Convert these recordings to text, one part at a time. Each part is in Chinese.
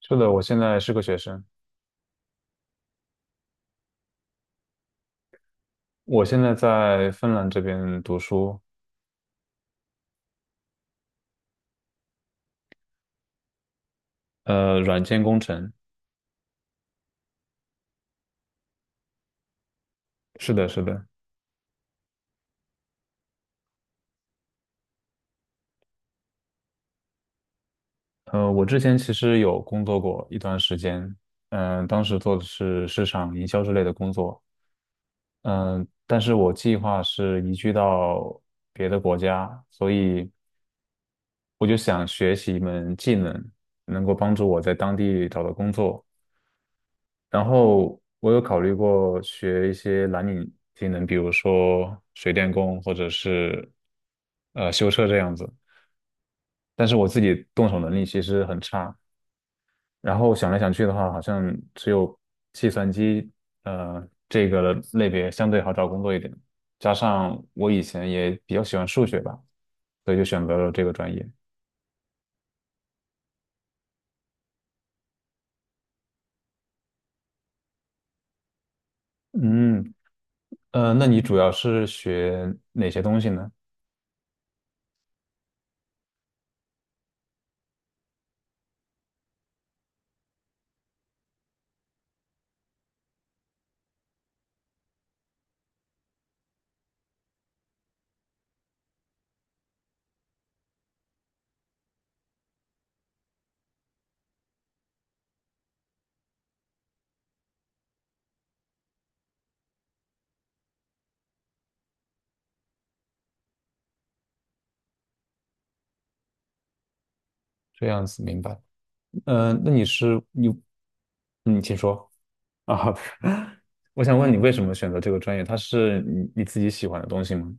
是的，我现在是个学生，我现在在芬兰这边读书，软件工程。是的，是的，我之前其实有工作过一段时间，当时做的是市场营销之类的工作，嗯、但是我计划是移居到别的国家，所以我就想学习一门技能，能够帮助我在当地找到工作。然后我有考虑过学一些蓝领技能，比如说水电工或者是修车这样子，但是我自己动手能力其实很差。然后想来想去的话，好像只有计算机这个类别相对好找工作一点，加上我以前也比较喜欢数学吧，所以就选择了这个专业。嗯，那你主要是学哪些东西呢？这样子明白。嗯，那你是你，嗯，请说啊。我想问你为什么选择这个专业？它是你自己喜欢的东西吗？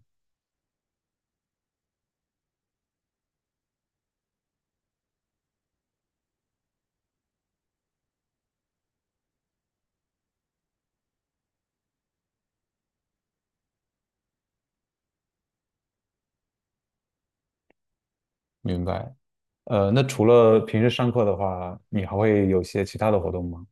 明白。那除了平时上课的话，你还会有些其他的活动吗？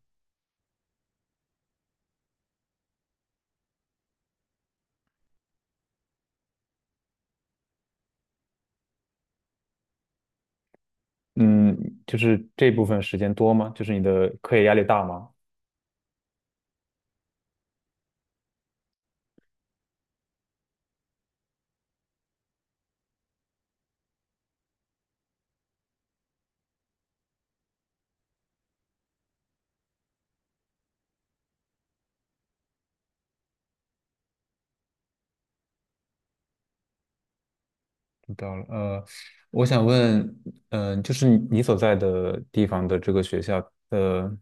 嗯，就是这部分时间多吗？就是你的课业压力大吗？知道了。我想问，就是你所在的地方的这个学校的，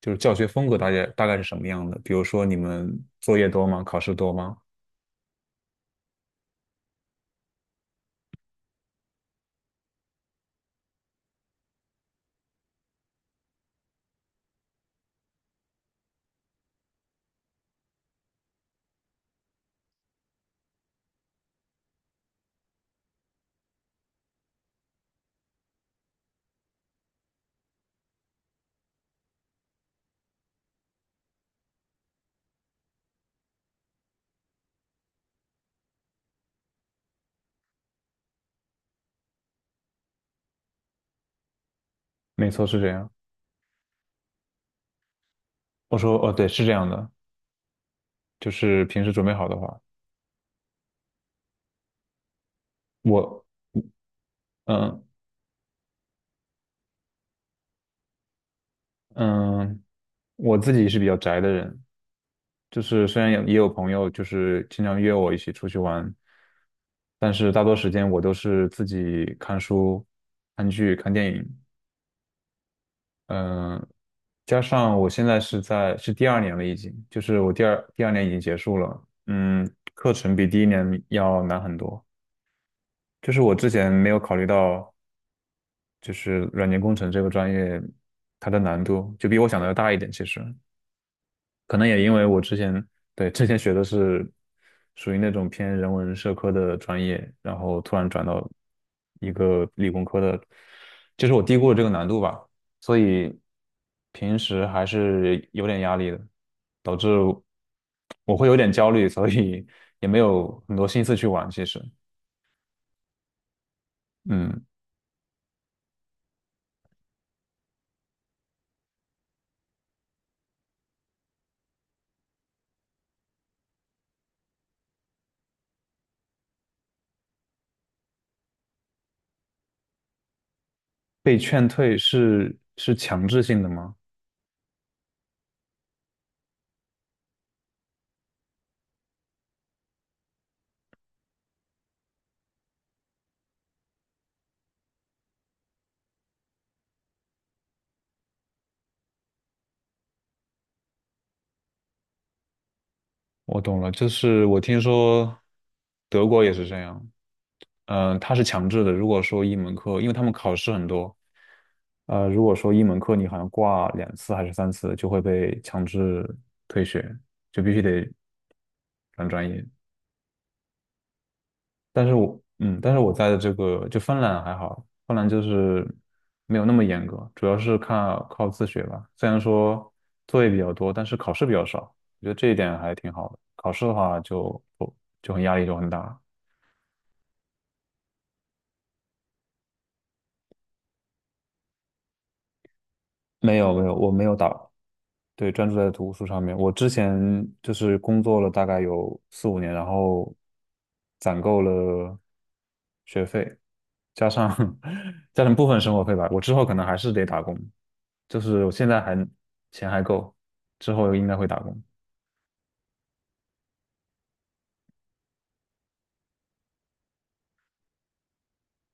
就是教学风格大概是什么样的？比如说你们作业多吗？考试多吗？没错，是这样。我说，哦，对，是这样的，就是平时准备好的话，我，嗯嗯，我自己是比较宅的人，就是虽然有也有朋友就是经常约我一起出去玩，但是大多时间我都是自己看书、看剧、看电影，嗯，加上我现在是第二年了，已经，就是我第二年已经结束了，嗯，课程比第一年要难很多。就是我之前没有考虑到，就是软件工程这个专业，它的难度就比我想的要大一点。其实可能也因为我之前对之前学的是属于那种偏人文社科的专业，然后突然转到一个理工科的，就是我低估了这个难度吧，所以平时还是有点压力的，导致我会有点焦虑，所以也没有很多心思去玩。其实，嗯，被劝退是强制性的吗？我懂了，就是我听说德国也是这样，它是强制的。如果说一门课，因为他们考试很多，如果说一门课你好像挂两次还是三次，就会被强制退学，就必须得转专业。但是我在的这个就芬兰还好，芬兰就是没有那么严格，主要是靠自学吧。虽然说作业比较多，但是考试比较少，我觉得这一点还挺好的。考试的话就不就很压力就很大。没有，我没有打，对，专注在读书上面。我之前就是工作了大概有四五年，然后攒够了学费，加上 加上部分生活费吧，我之后可能还是得打工。就是我现在还钱还够，之后应该会打工。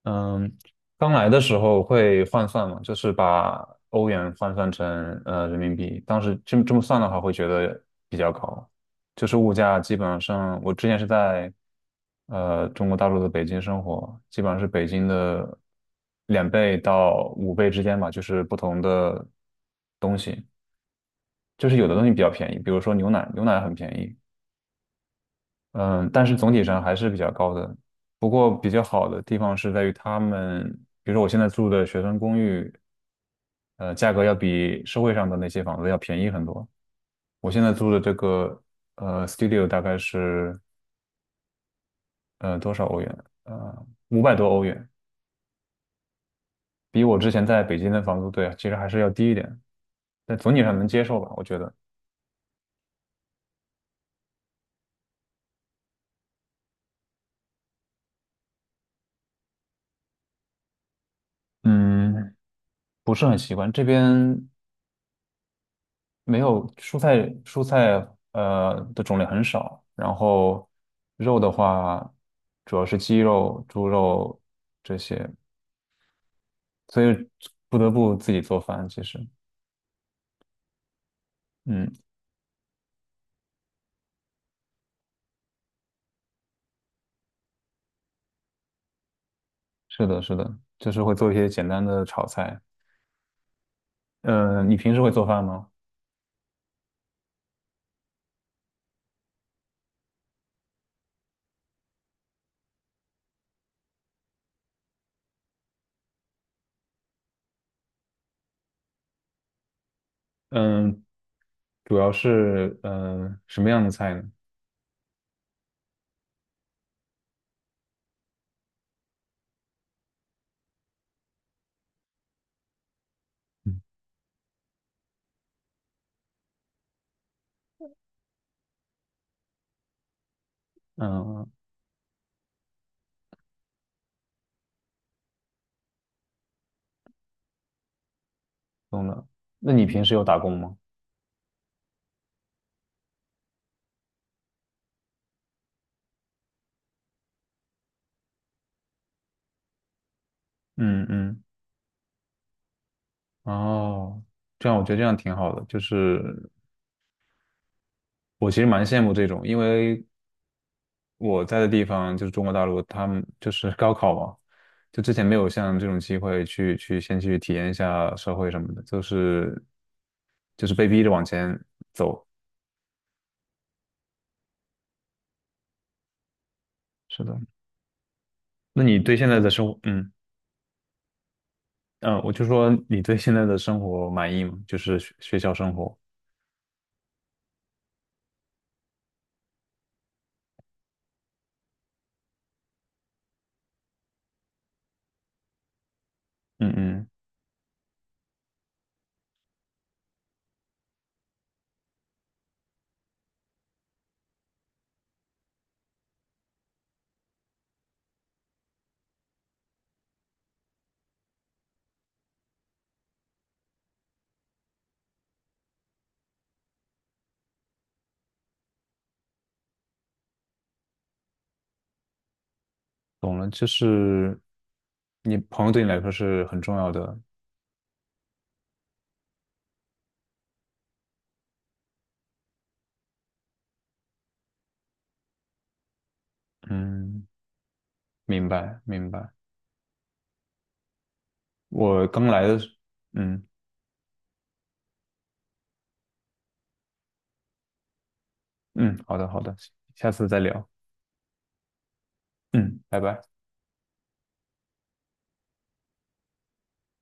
嗯，刚来的时候会换算嘛，就是把欧元换算成人民币，当时这么算的话，会觉得比较高。就是物价基本上，我之前是在中国大陆的北京生活，基本上是北京的两倍到五倍之间吧，就是不同的东西，就是有的东西比较便宜，比如说牛奶，牛奶很便宜，嗯，但是总体上还是比较高的。不过比较好的地方是在于他们，比如说我现在住的学生公寓，价格要比社会上的那些房子要便宜很多。我现在租的这个studio 大概是多少欧元？五百多欧元，比我之前在北京的房租对啊，其实还是要低一点，但总体上能接受吧，我觉得。嗯，不是很习惯这边，没有蔬菜，蔬菜的种类很少，然后肉的话主要是鸡肉、猪肉这些，所以不得不自己做饭。其实，嗯，是的，是的，就是会做一些简单的炒菜。嗯、你平时会做饭吗？嗯，主要是什么样的菜呢？嗯，懂了。那你平时有打工吗？嗯嗯，哦，这样我觉得这样挺好的，就是我其实蛮羡慕这种，因为我在的地方就是中国大陆，他们就是 高考嘛，就之前没有像这种机会去先去体验一下社会什么的，就是被逼着往前走。是的，那你对现在的生活，嗯嗯，我就说你对现在的生活满意吗？就是学校生活，嗯嗯，懂了，就是你朋友对你来说是很重要的，嗯，明白明白。我刚来的时，嗯。嗯，好的好的，下次再聊。嗯，拜拜。